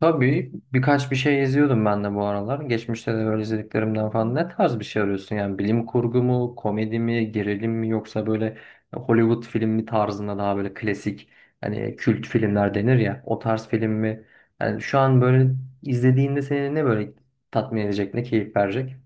Tabii birkaç bir şey izliyordum ben de bu aralar. Geçmişte de böyle izlediklerimden falan. Ne tarz bir şey arıyorsun? Yani bilim kurgu mu, komedi mi, gerilim mi yoksa böyle Hollywood filmi tarzında daha böyle klasik hani kült filmler denir ya o tarz film mi? Yani şu an böyle izlediğinde seni ne böyle tatmin edecek, ne keyif verecek?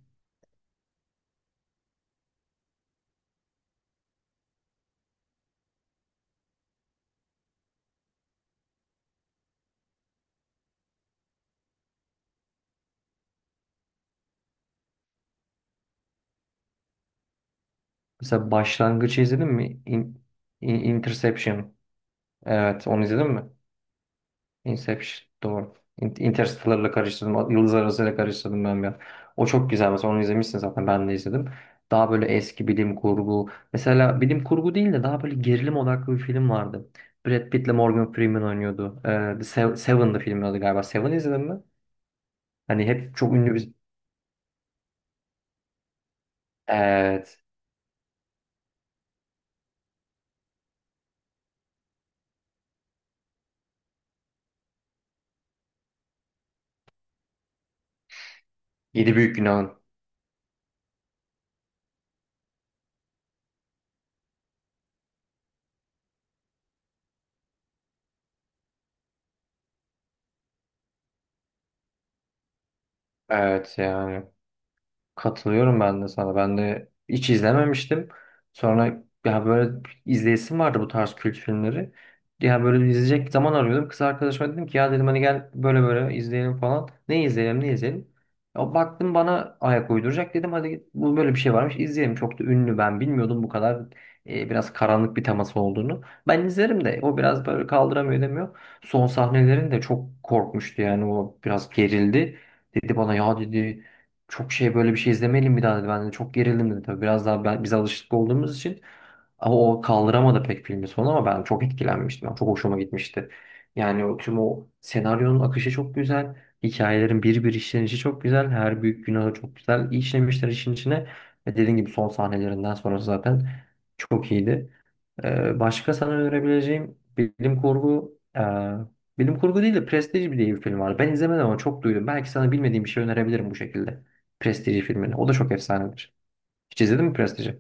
Mesela Başlangıç'ı izledin mi? Interception. Evet, onu izledin mi? Inception doğru. Interstellar'la karıştırdım. Yıldız Arası'yla karıştırdım ben ya. O çok güzel mesela, onu izlemişsin zaten, ben de izledim. Daha böyle eski bilim kurgu. Mesela bilim kurgu değil de daha böyle gerilim odaklı bir film vardı. Brad Pitt'le Morgan Freeman oynuyordu. The Seven'dı filmin adı galiba. Seven izledin mi? Hani hep çok ünlü bir... Evet. Yedi Büyük Günah'ın. Evet, yani. Katılıyorum ben de sana. Ben de hiç izlememiştim. Sonra ya böyle izleyesim vardı bu tarz kült filmleri. Ya böyle izleyecek zaman arıyordum. Kız arkadaşıma dedim ki, ya dedim hani gel böyle böyle izleyelim falan. Ne izleyelim, ne izleyelim. Ya baktım bana ayak uyduracak, dedim hadi bu böyle bir şey varmış izleyelim. Çok da ünlü, ben bilmiyordum bu kadar biraz karanlık bir teması olduğunu. Ben izlerim de o biraz böyle kaldıramıyor demiyor. Son sahnelerin de çok korkmuştu yani, o biraz gerildi. Dedi bana, ya dedi çok şey böyle bir şey izlemeyelim bir daha dedi. Ben de çok gerildim dedi tabii. Biraz daha ben, biz alışık olduğumuz için. Ama o kaldıramadı pek filmin sonu, ama ben çok etkilenmiştim. Yani çok hoşuma gitmişti. Yani o, tüm o senaryonun akışı çok güzel. Hikayelerin bir bir işlenişi çok güzel. Her büyük günahı çok güzel işlemişler işin içine. Ve dediğim gibi son sahnelerinden sonrası zaten çok iyiydi. Başka sana önerebileceğim bilim kurgu değil de Prestige diye bir film var. Ben izlemedim ama çok duydum. Belki sana bilmediğim bir şey önerebilirim bu şekilde. Prestige filmini. O da çok efsanedir. Hiç izledin mi Prestige'i?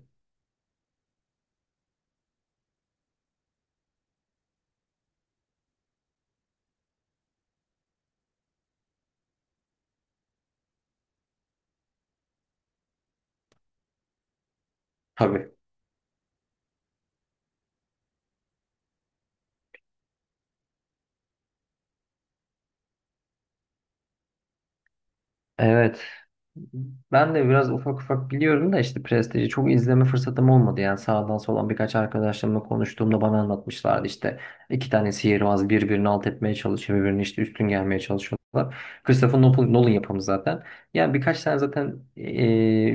Tabii. Evet, ben de biraz ufak ufak biliyorum da işte Prestige'i çok izleme fırsatım olmadı. Yani sağdan soldan birkaç arkadaşlarımla konuştuğumda bana anlatmışlardı işte iki tane sihirbaz birbirini alt etmeye çalışıyor, birbirini işte üstün gelmeye çalışıyorlar. Christopher Nolan yapımı zaten. Yani birkaç tane zaten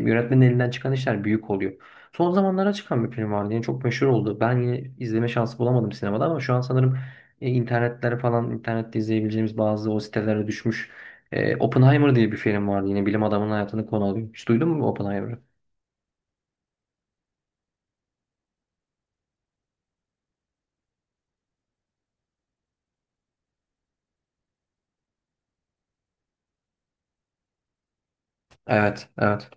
yönetmenin elinden çıkan işler büyük oluyor. Son zamanlara çıkan bir film vardı. Yani çok meşhur oldu. Ben yine izleme şansı bulamadım sinemada, ama şu an sanırım internetlere falan internette izleyebileceğimiz bazı o sitelere düşmüş. Oppenheimer diye bir film vardı. Yine bilim adamının hayatını konu alıyor. Hiç duydun mu Oppenheimer'ı? Evet, evet.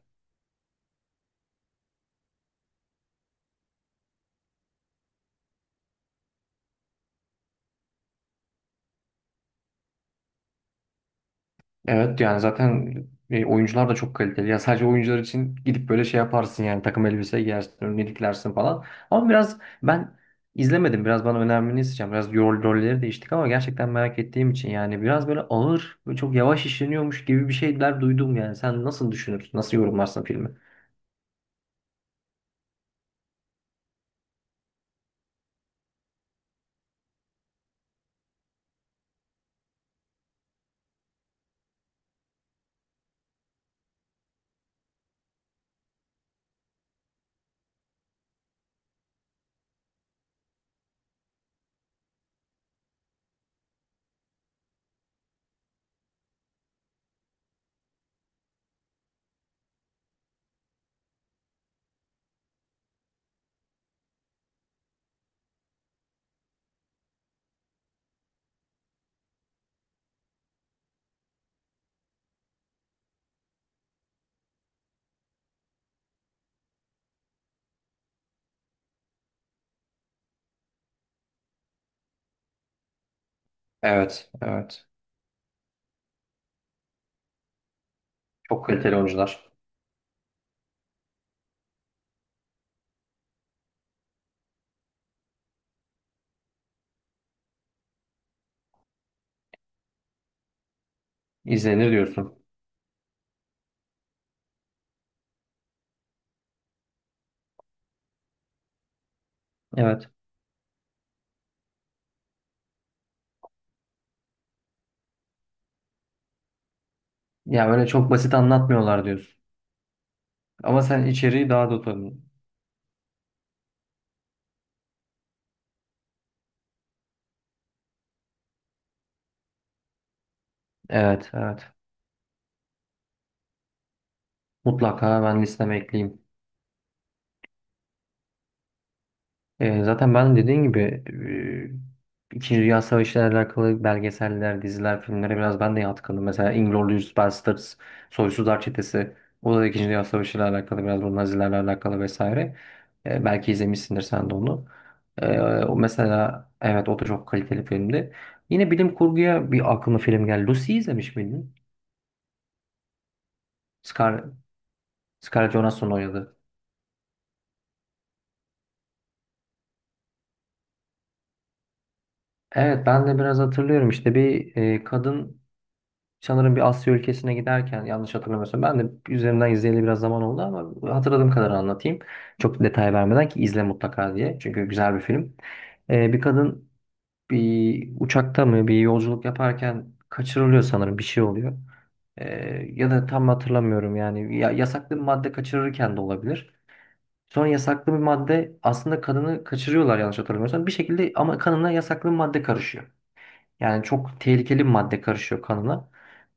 Evet, yani zaten oyuncular da çok kaliteli. Ya sadece oyuncular için gidip böyle şey yaparsın yani, takım elbise giyersin, önüne diklersin falan. Ama biraz ben izlemedim. Biraz bana önermeni isteyeceğim. Biraz rolleri değiştik ama gerçekten merak ettiğim için. Yani biraz böyle ağır ve çok yavaş işleniyormuş gibi bir şeyler duydum yani. Sen nasıl düşünürsün? Nasıl yorumlarsın filmi? Evet, evet. Çok kaliteli oyuncular. İzlenir diyorsun. Evet. Ya öyle çok basit anlatmıyorlar diyorsun. Ama sen içeriği daha da tabii. Evet, evet. Mutlaka ben listeme ekleyeyim. Zaten ben dediğin gibi İkinci Dünya Savaşı ile alakalı belgeseller, diziler, filmlere biraz ben de yatkınım. Mesela Inglourious Basterds, Soysuzlar Çetesi. O da İkinci Dünya Savaşı ile alakalı, biraz bu Nazilerle alakalı vesaire. Belki izlemişsindir sen de onu. Ee, o mesela, evet, o da çok kaliteli filmdi. Yine bilim kurguya bir aklıma film geldi. Lucy izlemiş miydin? Scar Scarlett Johansson oynadı. Evet, ben de biraz hatırlıyorum işte, bir kadın sanırım bir Asya ülkesine giderken, yanlış hatırlamıyorsam, ben de üzerinden izleyeli biraz zaman oldu ama hatırladığım kadar anlatayım. Çok detay vermeden ki izle mutlaka diye, çünkü güzel bir film. Bir kadın bir uçakta mı bir yolculuk yaparken kaçırılıyor sanırım, bir şey oluyor. E, ya da tam hatırlamıyorum yani, ya, yasaklı bir madde kaçırırken de olabilir. Sonra yasaklı bir madde aslında kanını kaçırıyorlar, yanlış hatırlamıyorsam. Bir şekilde ama kanına yasaklı bir madde karışıyor. Yani çok tehlikeli bir madde karışıyor kanına.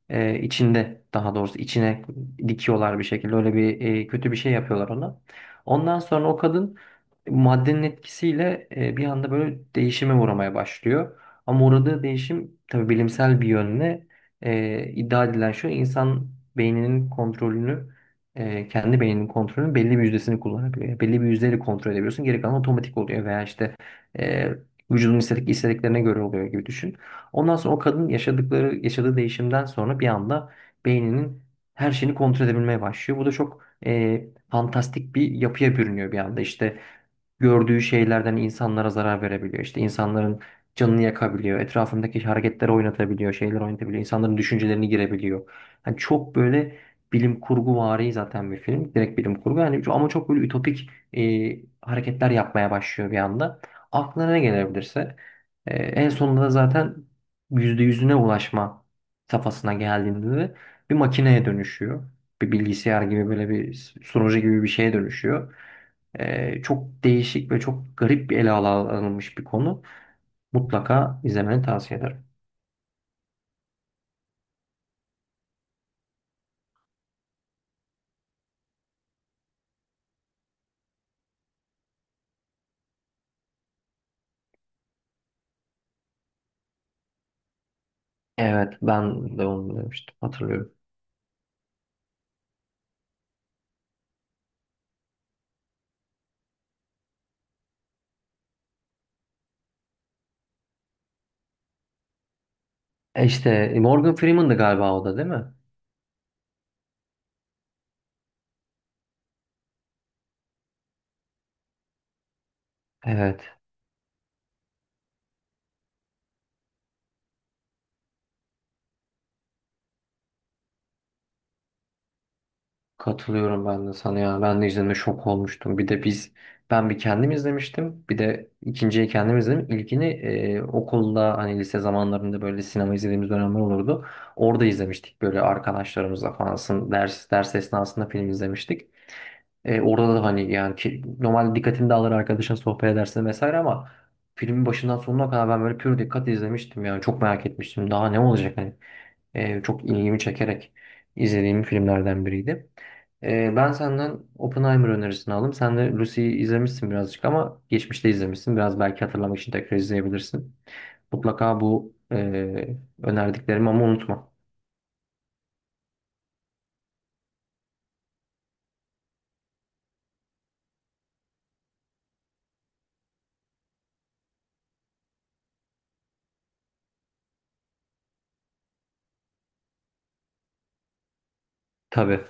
İçinde, daha doğrusu içine dikiyorlar bir şekilde. Öyle bir kötü bir şey yapıyorlar ona. Ondan sonra o kadın maddenin etkisiyle bir anda böyle değişime uğramaya başlıyor. Ama uğradığı değişim tabii bilimsel bir yönle iddia edilen şu, insan beyninin kontrolünü kendi beyninin kontrolünün belli bir yüzdesini kullanabiliyor. Yani belli bir yüzdeyle kontrol edebiliyorsun. Geri kalan otomatik oluyor veya işte e, vücudun istediklerine göre oluyor, gibi düşün. Ondan sonra o kadın yaşadığı değişimden sonra bir anda beyninin her şeyini kontrol edebilmeye başlıyor. Bu da çok fantastik bir yapıya bürünüyor bir anda. İşte gördüğü şeylerden insanlara zarar verebiliyor. İşte insanların canını yakabiliyor. Etrafındaki hareketleri oynatabiliyor, şeyler oynatabiliyor. İnsanların düşüncelerini girebiliyor. Yani çok böyle bilim kurgu vari zaten bir film. Direkt bilim kurgu. Yani ama çok böyle ütopik hareketler yapmaya başlıyor bir anda. Aklına ne gelebilirse. En sonunda da zaten yüzde yüzüne ulaşma safhasına geldiğinde de bir makineye dönüşüyor. Bir bilgisayar gibi, böyle bir sunucu gibi bir şeye dönüşüyor. Çok değişik ve çok garip bir alınmış bir konu. Mutlaka izlemeni tavsiye ederim. Evet, ben de onu demiştim. Hatırlıyorum. E işte e, Morgan Freeman'dı galiba o da, değil mi? Evet. Katılıyorum ben de sana ya. Ben de izlediğimde şok olmuştum. Bir de ben bir kendim izlemiştim. Bir de ikinciyi kendim izledim. İlkini okulda hani, lise zamanlarında böyle sinema izlediğimiz dönemler olurdu. Orada izlemiştik böyle arkadaşlarımızla falan. Ders esnasında film izlemiştik. Orada da hani yani ki, normal dikkatini de arkadaşın sohbet edersin vesaire, ama filmin başından sonuna kadar ben böyle pür dikkat izlemiştim, yani çok merak etmiştim daha ne olacak hani. Çok ilgimi çekerek izlediğim filmlerden biriydi. Ben senden Oppenheimer önerisini aldım. Sen de Lucy'yi izlemişsin birazcık, ama geçmişte izlemişsin. Biraz belki hatırlamak için tekrar izleyebilirsin. Mutlaka bu önerdiklerimi ama unutma. Tabii.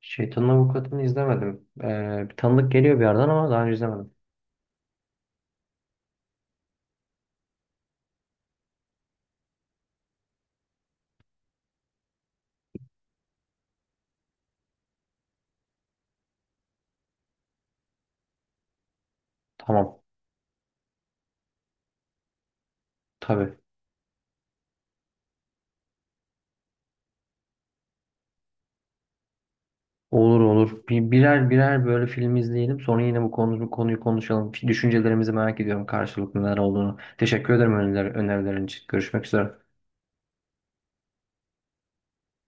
Şeytanın Avukatı'nı izlemedim. Bir tanıdık geliyor bir yerden, ama daha önce izlemedim. Tamam. Tabii. Olur, olur. Birer birer böyle film izleyelim. Sonra yine bu konuyu konuşalım. Düşüncelerimizi merak ediyorum, karşılıklı neler olduğunu. Teşekkür ederim önerilerin için. Görüşmek üzere.